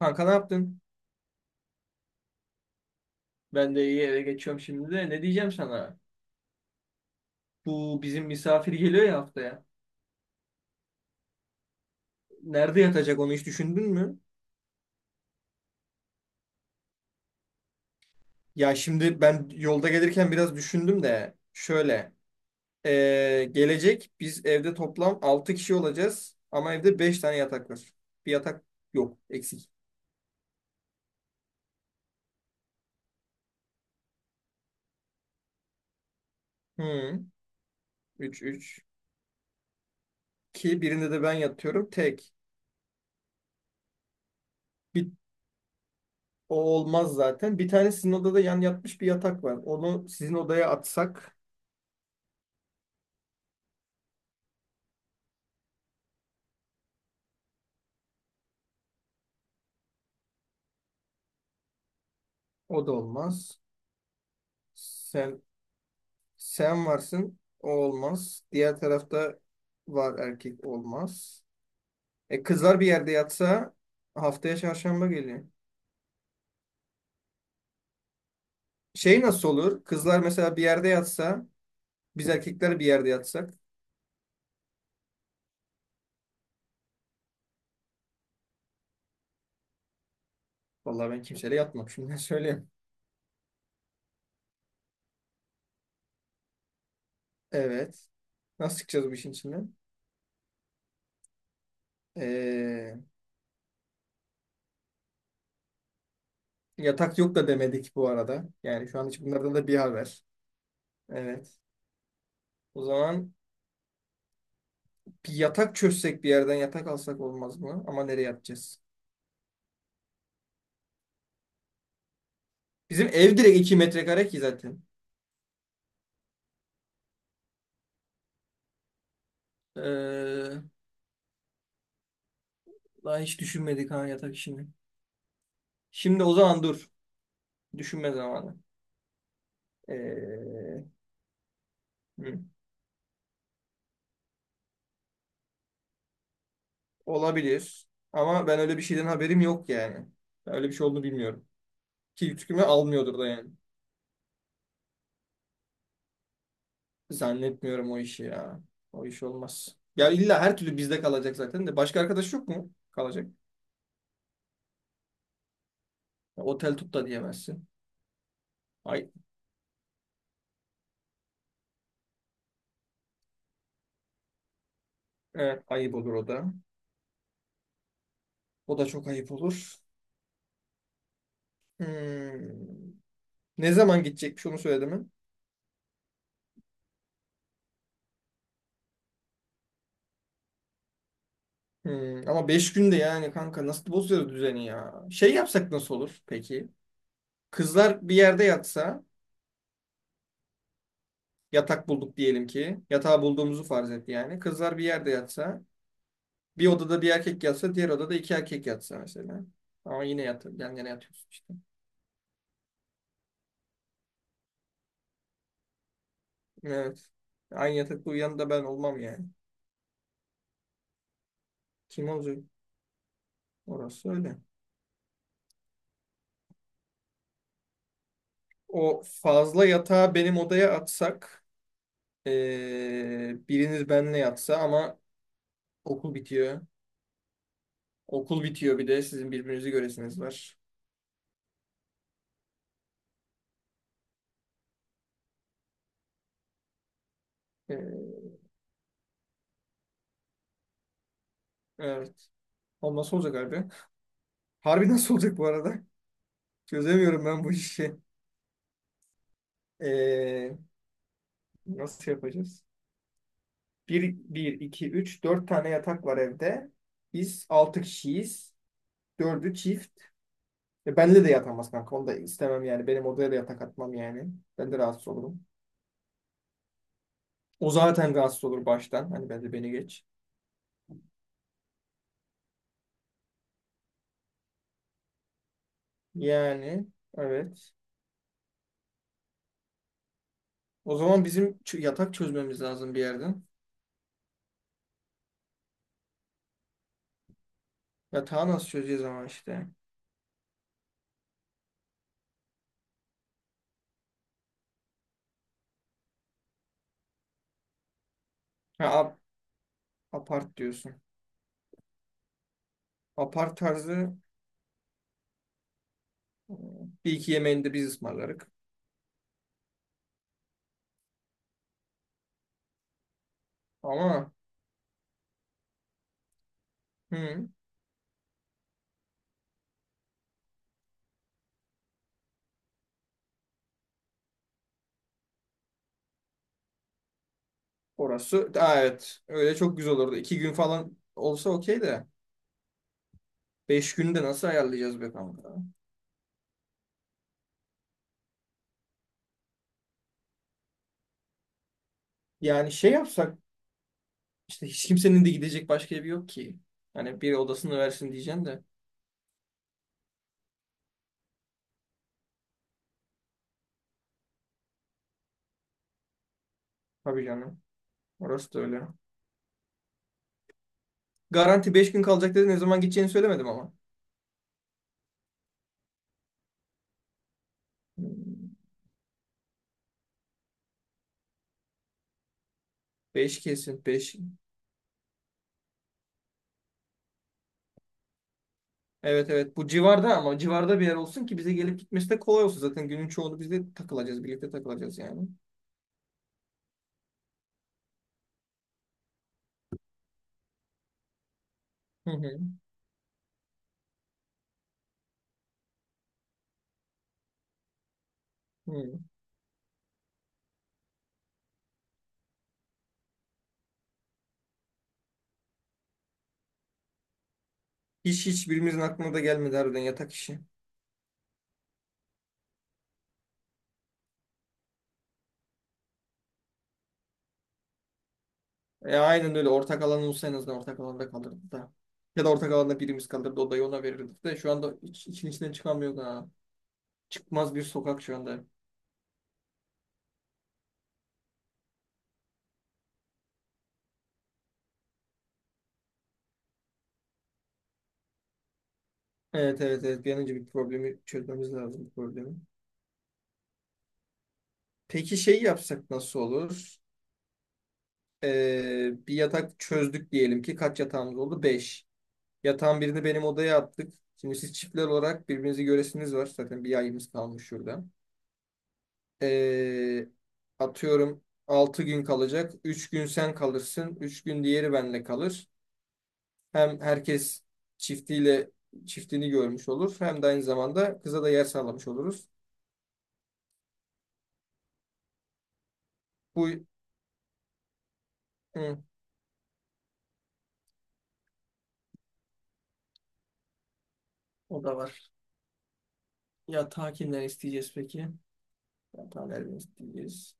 Kanka ne yaptın? Ben de iyi, eve geçiyorum şimdi de. Ne diyeceğim sana? Bu bizim misafir geliyor ya haftaya. Nerede yatacak onu hiç düşündün mü? Ya şimdi ben yolda gelirken biraz düşündüm de şöyle. Gelecek biz evde toplam 6 kişi olacağız ama evde 5 tane yatak var. Bir yatak yok, eksik. Hmm. 3 3. Ki birinde de ben yatıyorum tek. Bir, o olmaz zaten. Bir tane sizin odada yan yatmış bir yatak var. Onu sizin odaya atsak o da olmaz. Sen sen varsın. O olmaz. Diğer tarafta var, erkek olmaz. Kızlar bir yerde yatsa. Haftaya çarşamba geliyor. Şey, nasıl olur? Kızlar mesela bir yerde yatsa, biz erkekler bir yerde yatsak. Vallahi ben kimseyle yatmam, şimdiden söyleyeyim. Evet. Nasıl çıkacağız bu işin içinden? Ee, yatak yok da demedik bu arada. Yani şu an hiç bunlardan da bir haber. Evet. O zaman bir yatak çözsek, bir yerden yatak alsak olmaz mı? Ama nereye yatacağız? Bizim ev direkt 2 metrekare ki zaten. Ee, daha hiç düşünmedik ha yatak işini. Şimdi o zaman dur. Düşünme zamanı. Ee, hı, olabilir. Ama ben öyle bir şeyden haberim yok yani. Ben öyle bir şey olduğunu bilmiyorum. Ki yükümü almıyordur da yani. Zannetmiyorum o işi ya. O iş olmaz. Ya illa her türlü bizde kalacak zaten de. Başka arkadaş yok mu kalacak? Ya otel tut da diyemezsin. Ay, evet, ayıp olur o da. O da çok ayıp olur. Hmm. Ne zaman gidecekmiş, onu söyledi mi? Ama 5 günde yani kanka, nasıl bozuyoruz düzeni ya? Şey yapsak nasıl olur peki? Kızlar bir yerde yatsa, yatak bulduk diyelim ki. Yatağı bulduğumuzu farz et yani. Kızlar bir yerde yatsa, bir odada bir erkek yatsa, diğer odada iki erkek yatsa mesela. Ama yine yan yana yatıyorsun işte. Evet. Aynı yatakta uyuyan da ben olmam yani. Kim olacak? Orası öyle. O fazla yatağı benim odaya atsak, biriniz benimle yatsa ama okul bitiyor. Okul bitiyor, bir de sizin birbirinizi göresiniz var. Ee, evet. Ama nasıl olacak harbi? Harbi nasıl olacak bu arada? Çözemiyorum ben bu işi. Ee, nasıl yapacağız? Bir, iki, üç, dört tane yatak var evde. Biz altı kişiyiz. Dördü çift. Benle de yatamaz kanka. Onu da istemem yani. Benim odaya da yatak atmam yani. Ben de rahatsız olurum. O zaten rahatsız olur baştan. Hani bence beni geç. Yani evet. O zaman bizim yatak çözmemiz lazım bir yerden. Yatağı nasıl çözeceğiz ama işte. Ha, apart diyorsun. Apart tarzı, e, bir iki yemeğini de biz ısmarlarık. Ama hı, orası. Aa, evet. Öyle çok güzel olurdu. 2 gün falan olsa okey de. 5 günü de nasıl ayarlayacağız be kanka? Yani şey yapsak, işte hiç kimsenin de gidecek başka evi yok ki. Hani bir odasını versin diyeceğim de. Tabii canım. Orası da öyle. Garanti 5 gün kalacak dedi. Ne zaman gideceğini söylemedim ama. Hmm. Beş kesin. Beş. Evet, evet, bu civarda ama civarda bir yer olsun ki bize gelip gitmesi de kolay olsun. Zaten günün çoğunu biz de takılacağız, birlikte takılacağız yani. Hı hı. Hı. Hiç birimizin aklına da gelmedi harbiden yatak işi. Aynen öyle, ortak alan olsa en azından ortak alanda kalırdı da. Ya da ortak alanda birimiz kalırdı, odayı ona verirdik de şu anda hiç içinden çıkamıyor da. Çıkmaz bir sokak şu anda. Evet, evet, evet, bir an önce bir problemi çözmemiz lazım, bu problemi. Peki şey yapsak nasıl olur? Bir yatak çözdük diyelim ki, kaç yatağımız oldu? Beş. Yatağın birini benim odaya attık. Şimdi siz çiftler olarak birbirinizi göresiniz var. Zaten bir ayımız kalmış şurada. Ee, atıyorum 6 gün kalacak. 3 gün sen kalırsın. 3 gün diğeri benle kalır. Hem herkes çiftiyle çiftini görmüş olur. Hem de aynı zamanda kıza da yer sağlamış oluruz. Bu hı, o da var. Yatağı kimden isteyeceğiz peki? Yatağı nereden isteyeceğiz?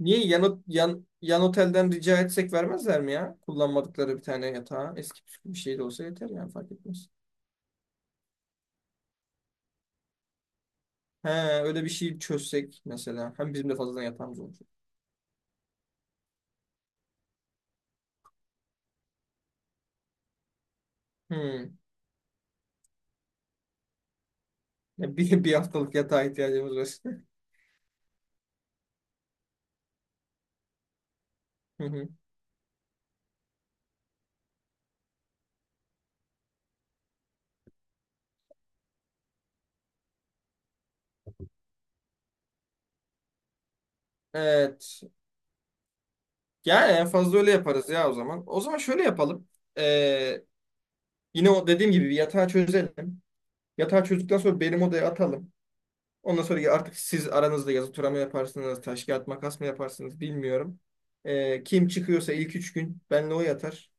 Niye yan, yan, yan otelden rica etsek, vermezler mi ya? Kullanmadıkları bir tane yatağı. Eski püskü bir şey de olsa yeter yani, fark etmez. He, öyle bir şey çözsek mesela. Hem bizim de fazladan yatağımız olacak. Hmm. Ya bir haftalık yatağa ihtiyacımız var. Hı hı. Evet. Yani en fazla öyle yaparız ya o zaman. O zaman şöyle yapalım. Ee, yine o dediğim gibi bir yatağı çözelim. Yatağı çözdükten sonra benim odaya atalım. Ondan sonra ya artık siz aranızda yazı tura mı yaparsınız, taş kağıt makas mı yaparsınız bilmiyorum. Kim çıkıyorsa ilk 3 gün benle o yatar.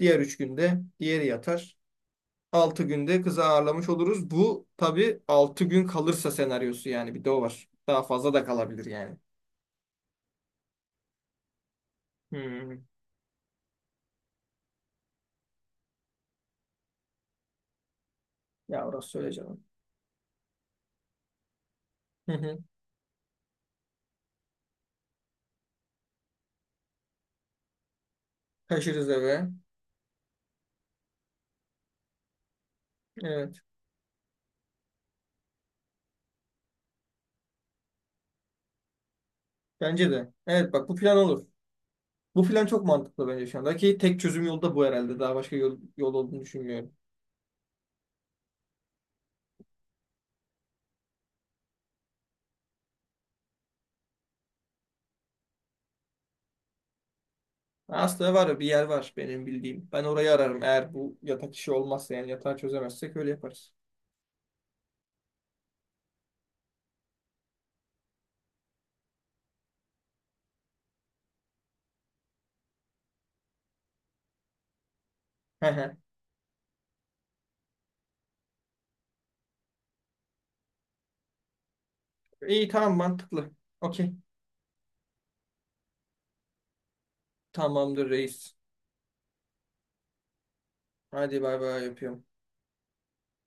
Diğer 3 günde diğeri yatar. 6 günde kızı ağırlamış oluruz. Bu tabii 6 gün kalırsa senaryosu yani, bir de o var. Daha fazla da kalabilir yani. Hmm. Ya orası, söyleyeceğim. Hı hı. Taşırız eve. Evet. Bence de. Evet bak, bu plan olur. Bu plan çok mantıklı bence, şu anda ki tek çözüm yolu da bu herhalde. Daha başka yol olduğunu düşünmüyorum. Aslında var ya, bir yer var benim bildiğim. Ben orayı ararım, eğer bu yatak işi olmazsa yani yatağı çözemezsek öyle yaparız. İyi, tamam, mantıklı. Okey. Tamamdır reis. Hadi bay bay yapıyorum.